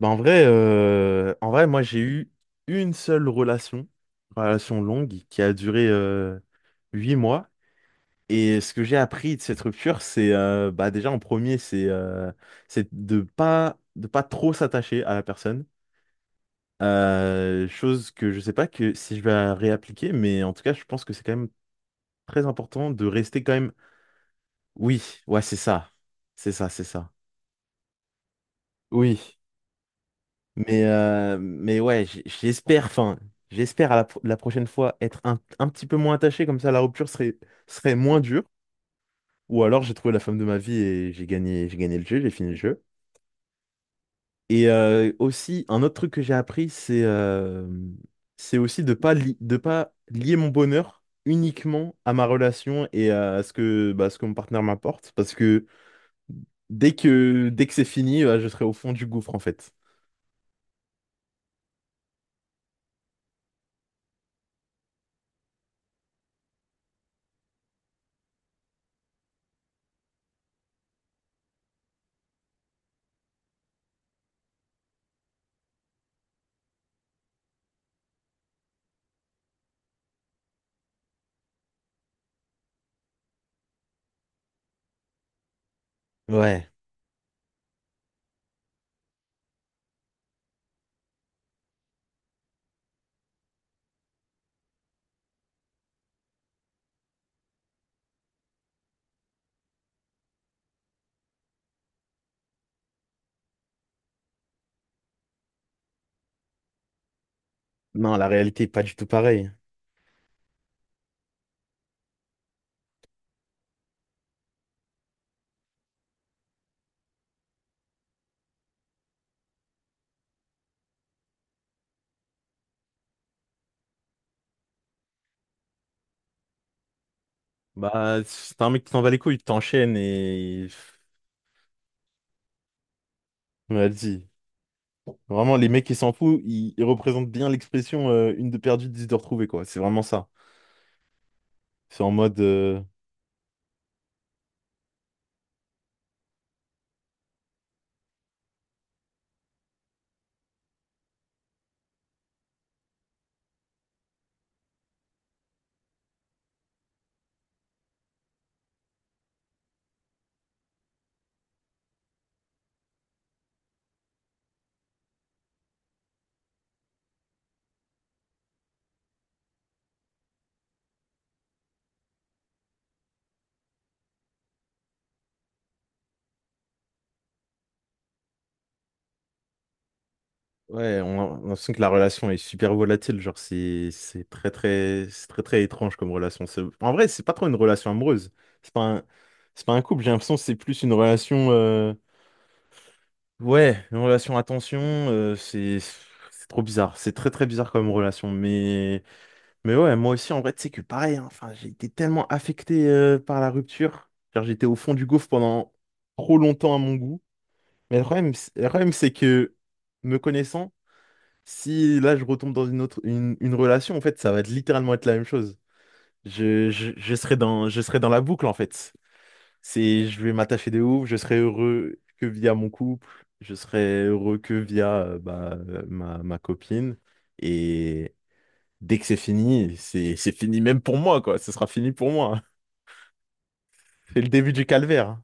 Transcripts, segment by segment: Bah, en vrai, moi j'ai eu une seule relation longue, qui a duré 8 mois. Et ce que j'ai appris de cette rupture, c'est bah, déjà en premier, c'est de pas trop s'attacher à la personne. Chose que je sais pas que si je vais la réappliquer, mais en tout cas, je pense que c'est quand même très important de rester quand même. Oui, ouais, c'est ça, c'est ça, c'est ça. Oui. Mais ouais, j'espère, enfin, j'espère la prochaine fois être un petit peu moins attaché, comme ça la rupture serait moins dure. Ou alors j'ai trouvé la femme de ma vie et j'ai gagné le jeu, j'ai fini le jeu. Et aussi, un autre truc que j'ai appris, c'est aussi de pas lier mon bonheur uniquement à ma relation et à ce que mon partenaire m'apporte. Parce que dès que c'est fini, bah, je serai au fond du gouffre, en fait. Ouais. Non, la réalité est pas du tout pareille. Bah, c'est un mec qui s'en bat les couilles, il t'enchaîne. Vas-y. Vraiment, les mecs qui s'en foutent, ils représentent bien l'expression une de perdue, dix de retrouvée, quoi. C'est vraiment ça. C'est en mode. Ouais, on a l'impression que la relation est super volatile. Genre, c'est très, très. C'est très, très étrange comme relation. En vrai, c'est pas trop une relation amoureuse. C'est pas un. C'est pas un couple, j'ai l'impression que c'est plus une relation. Ouais, une relation à tension, c'est. C'est trop bizarre. C'est très, très bizarre comme relation, mais. Mais ouais, moi aussi, en vrai, tu sais que pareil, hein, enfin, j'ai été tellement affecté par la rupture. Genre, j'étais au fond du gouffre pendant trop longtemps à mon goût. Mais le problème, c'est que, me connaissant, si là, je retombe dans une autre, une relation, en fait, ça va être littéralement être la même chose. Je serai dans la boucle, en fait. C'est, je vais m'attacher de ouf, je serai heureux que via mon couple, je serai heureux que via bah, ma copine. Dès que c'est fini, c'est fini même pour moi, quoi. Ce sera fini pour moi. C'est le début du calvaire.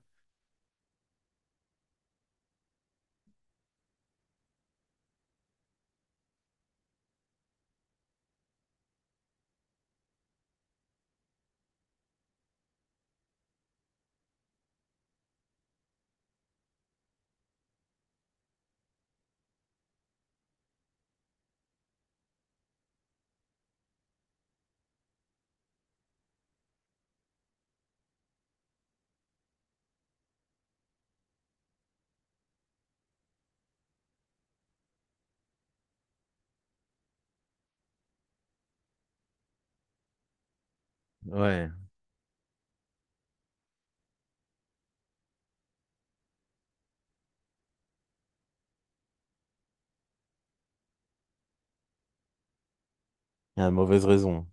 Ouais. Il y a une mauvaise raison.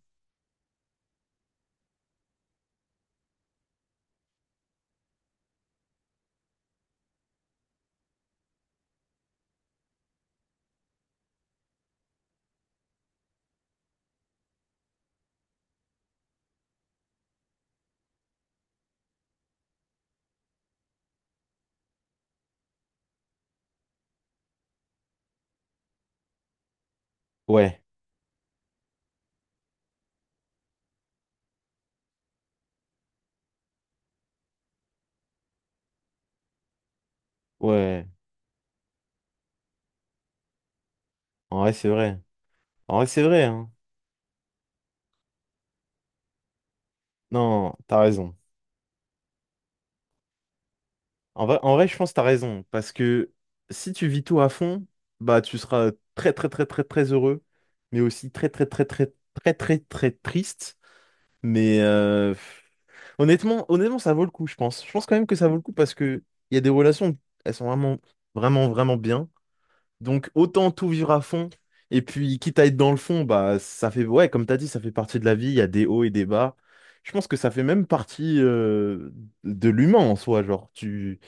Ouais. Ouais. En vrai, c'est vrai. En vrai, c'est vrai, hein. Non, t'as raison. En vrai, je pense que t'as raison. Parce que si tu vis tout à fond, bah tu seras très très très très très heureux. Mais aussi très très très très très très très triste. Mais euh, pff, Honnêtement, honnêtement, ça vaut le coup, je pense. Je pense quand même que ça vaut le coup parce que il y a des relations, elles sont vraiment, vraiment, vraiment bien. Donc autant tout vivre à fond. Et puis, quitte à être dans le fond, bah ça fait, ouais, comme t'as dit, ça fait partie de la vie, il y a des hauts et des bas. Je pense que ça fait même partie de l'humain en soi. Genre, tu.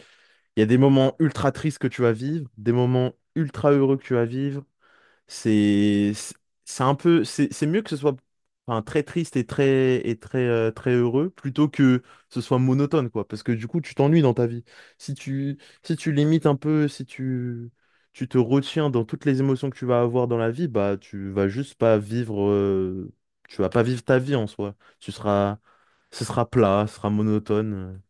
Il y a des moments ultra tristes que tu vas vivre, des moments ultra heureux que tu vas vivre, c'est c'est c'est un peu c'est mieux que ce soit enfin, très triste et très heureux plutôt que ce soit monotone quoi parce que du coup tu t'ennuies dans ta vie. Si tu si tu limites un peu, si tu te retiens dans toutes les émotions que tu vas avoir dans la vie, bah tu vas juste pas vivre tu vas pas vivre ta vie en soi. Tu seras ce sera plat, ce sera monotone.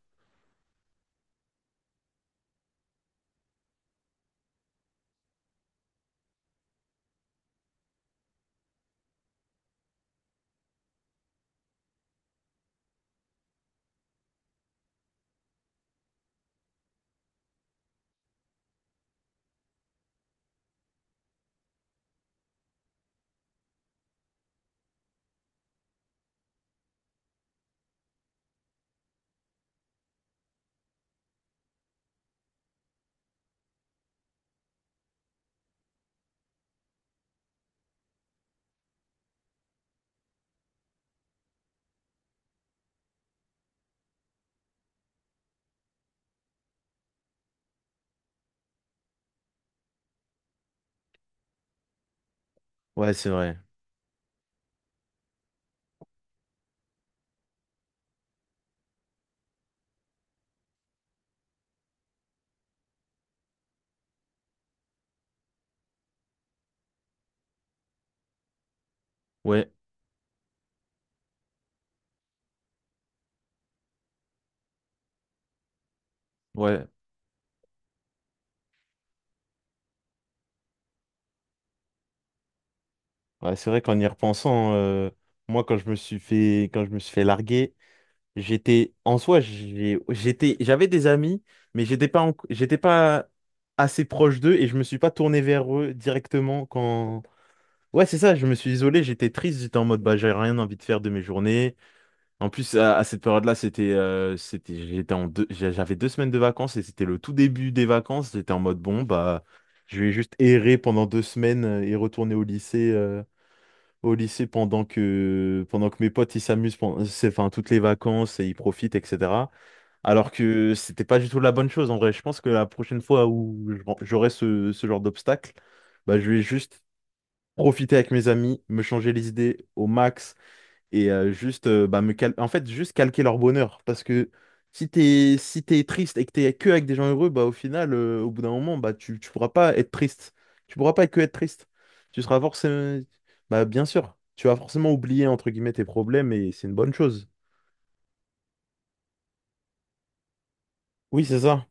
Ouais, c'est vrai. Ouais, ouais. Ouais, c'est vrai qu'en y repensant, moi quand je me suis fait quand je me suis fait larguer. J'étais en soi, j'avais des amis, mais j'étais pas assez proche d'eux et je me suis pas tourné vers eux directement quand. Ouais, c'est ça, je me suis isolé, j'étais triste, j'étais en mode bah j'ai rien envie de faire de mes journées. En plus, à cette période-là, c'était, j'avais 2 semaines de vacances et c'était le tout début des vacances. J'étais en mode bon bah je vais juste errer pendant 2 semaines et retourner au lycée pendant que mes potes ils s'amusent pendant c'est- enfin toutes les vacances et ils profitent etc alors que c'était pas du tout la bonne chose en vrai. Je pense que la prochaine fois où j'aurai ce genre d'obstacle, bah, je vais juste profiter avec mes amis, me changer les idées au max et juste bah, en fait juste calquer leur bonheur. Parce que si t'es triste et que t'es que avec des gens heureux, bah au final, au bout d'un moment, bah tu pourras pas être triste. Tu pourras pas que être triste. Tu seras forcément bah bien sûr, tu vas forcément oublier entre guillemets tes problèmes et c'est une bonne chose. Oui, c'est ça.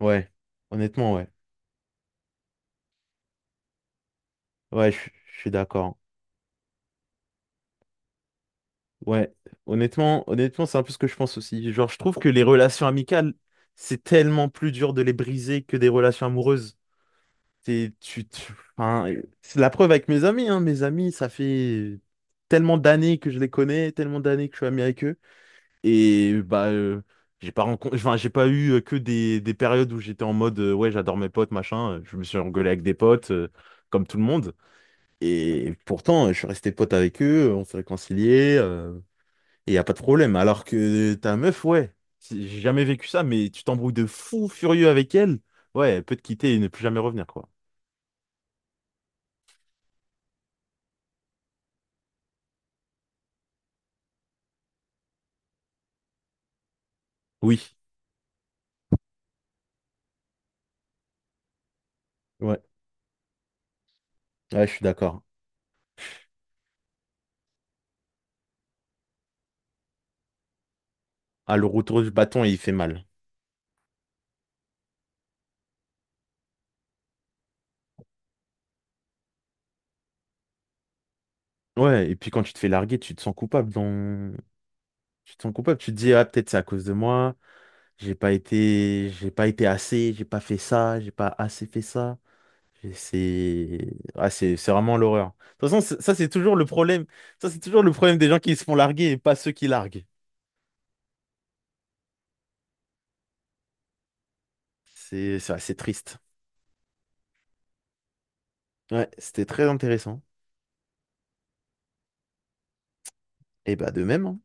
Ouais, honnêtement, ouais. Ouais, je suis d'accord. Ouais, honnêtement, honnêtement, c'est un peu ce que je pense aussi. Genre, je trouve que les relations amicales, c'est tellement plus dur de les briser que des relations amoureuses. C'est tu, tu- enfin, c'est la preuve avec mes amis, hein. Mes amis, ça fait tellement d'années que je les connais, tellement d'années que je suis ami avec eux. Et bah, j'ai pas rencontré, enfin, j'ai pas eu que des périodes où j'étais en mode, ouais, j'adore mes potes, machin. Je me suis engueulé avec des potes, comme tout le monde. Et pourtant, je suis resté pote avec eux, on s'est réconciliés, et y a pas de problème. Alors que ta meuf, ouais, j'ai jamais vécu ça, mais tu t'embrouilles de fou furieux avec elle, ouais, elle peut te quitter et ne plus jamais revenir, quoi. Oui, ouais, ouais, je suis d'accord. Ah, le retour du bâton, il fait mal. Ouais, et puis quand tu te fais larguer, tu te sens coupable dans. Tu te sens coupable, tu te dis, ah, peut-être c'est à cause de moi, j'ai pas été assez, j'ai pas fait ça, j'ai pas assez fait ça. Et C'est ah, c'est vraiment l'horreur. De toute façon, ça c'est toujours le problème. Ça c'est toujours le problème des gens qui se font larguer et pas ceux qui larguent. C'est assez triste. Ouais, c'était très intéressant. Et bah de même, hein.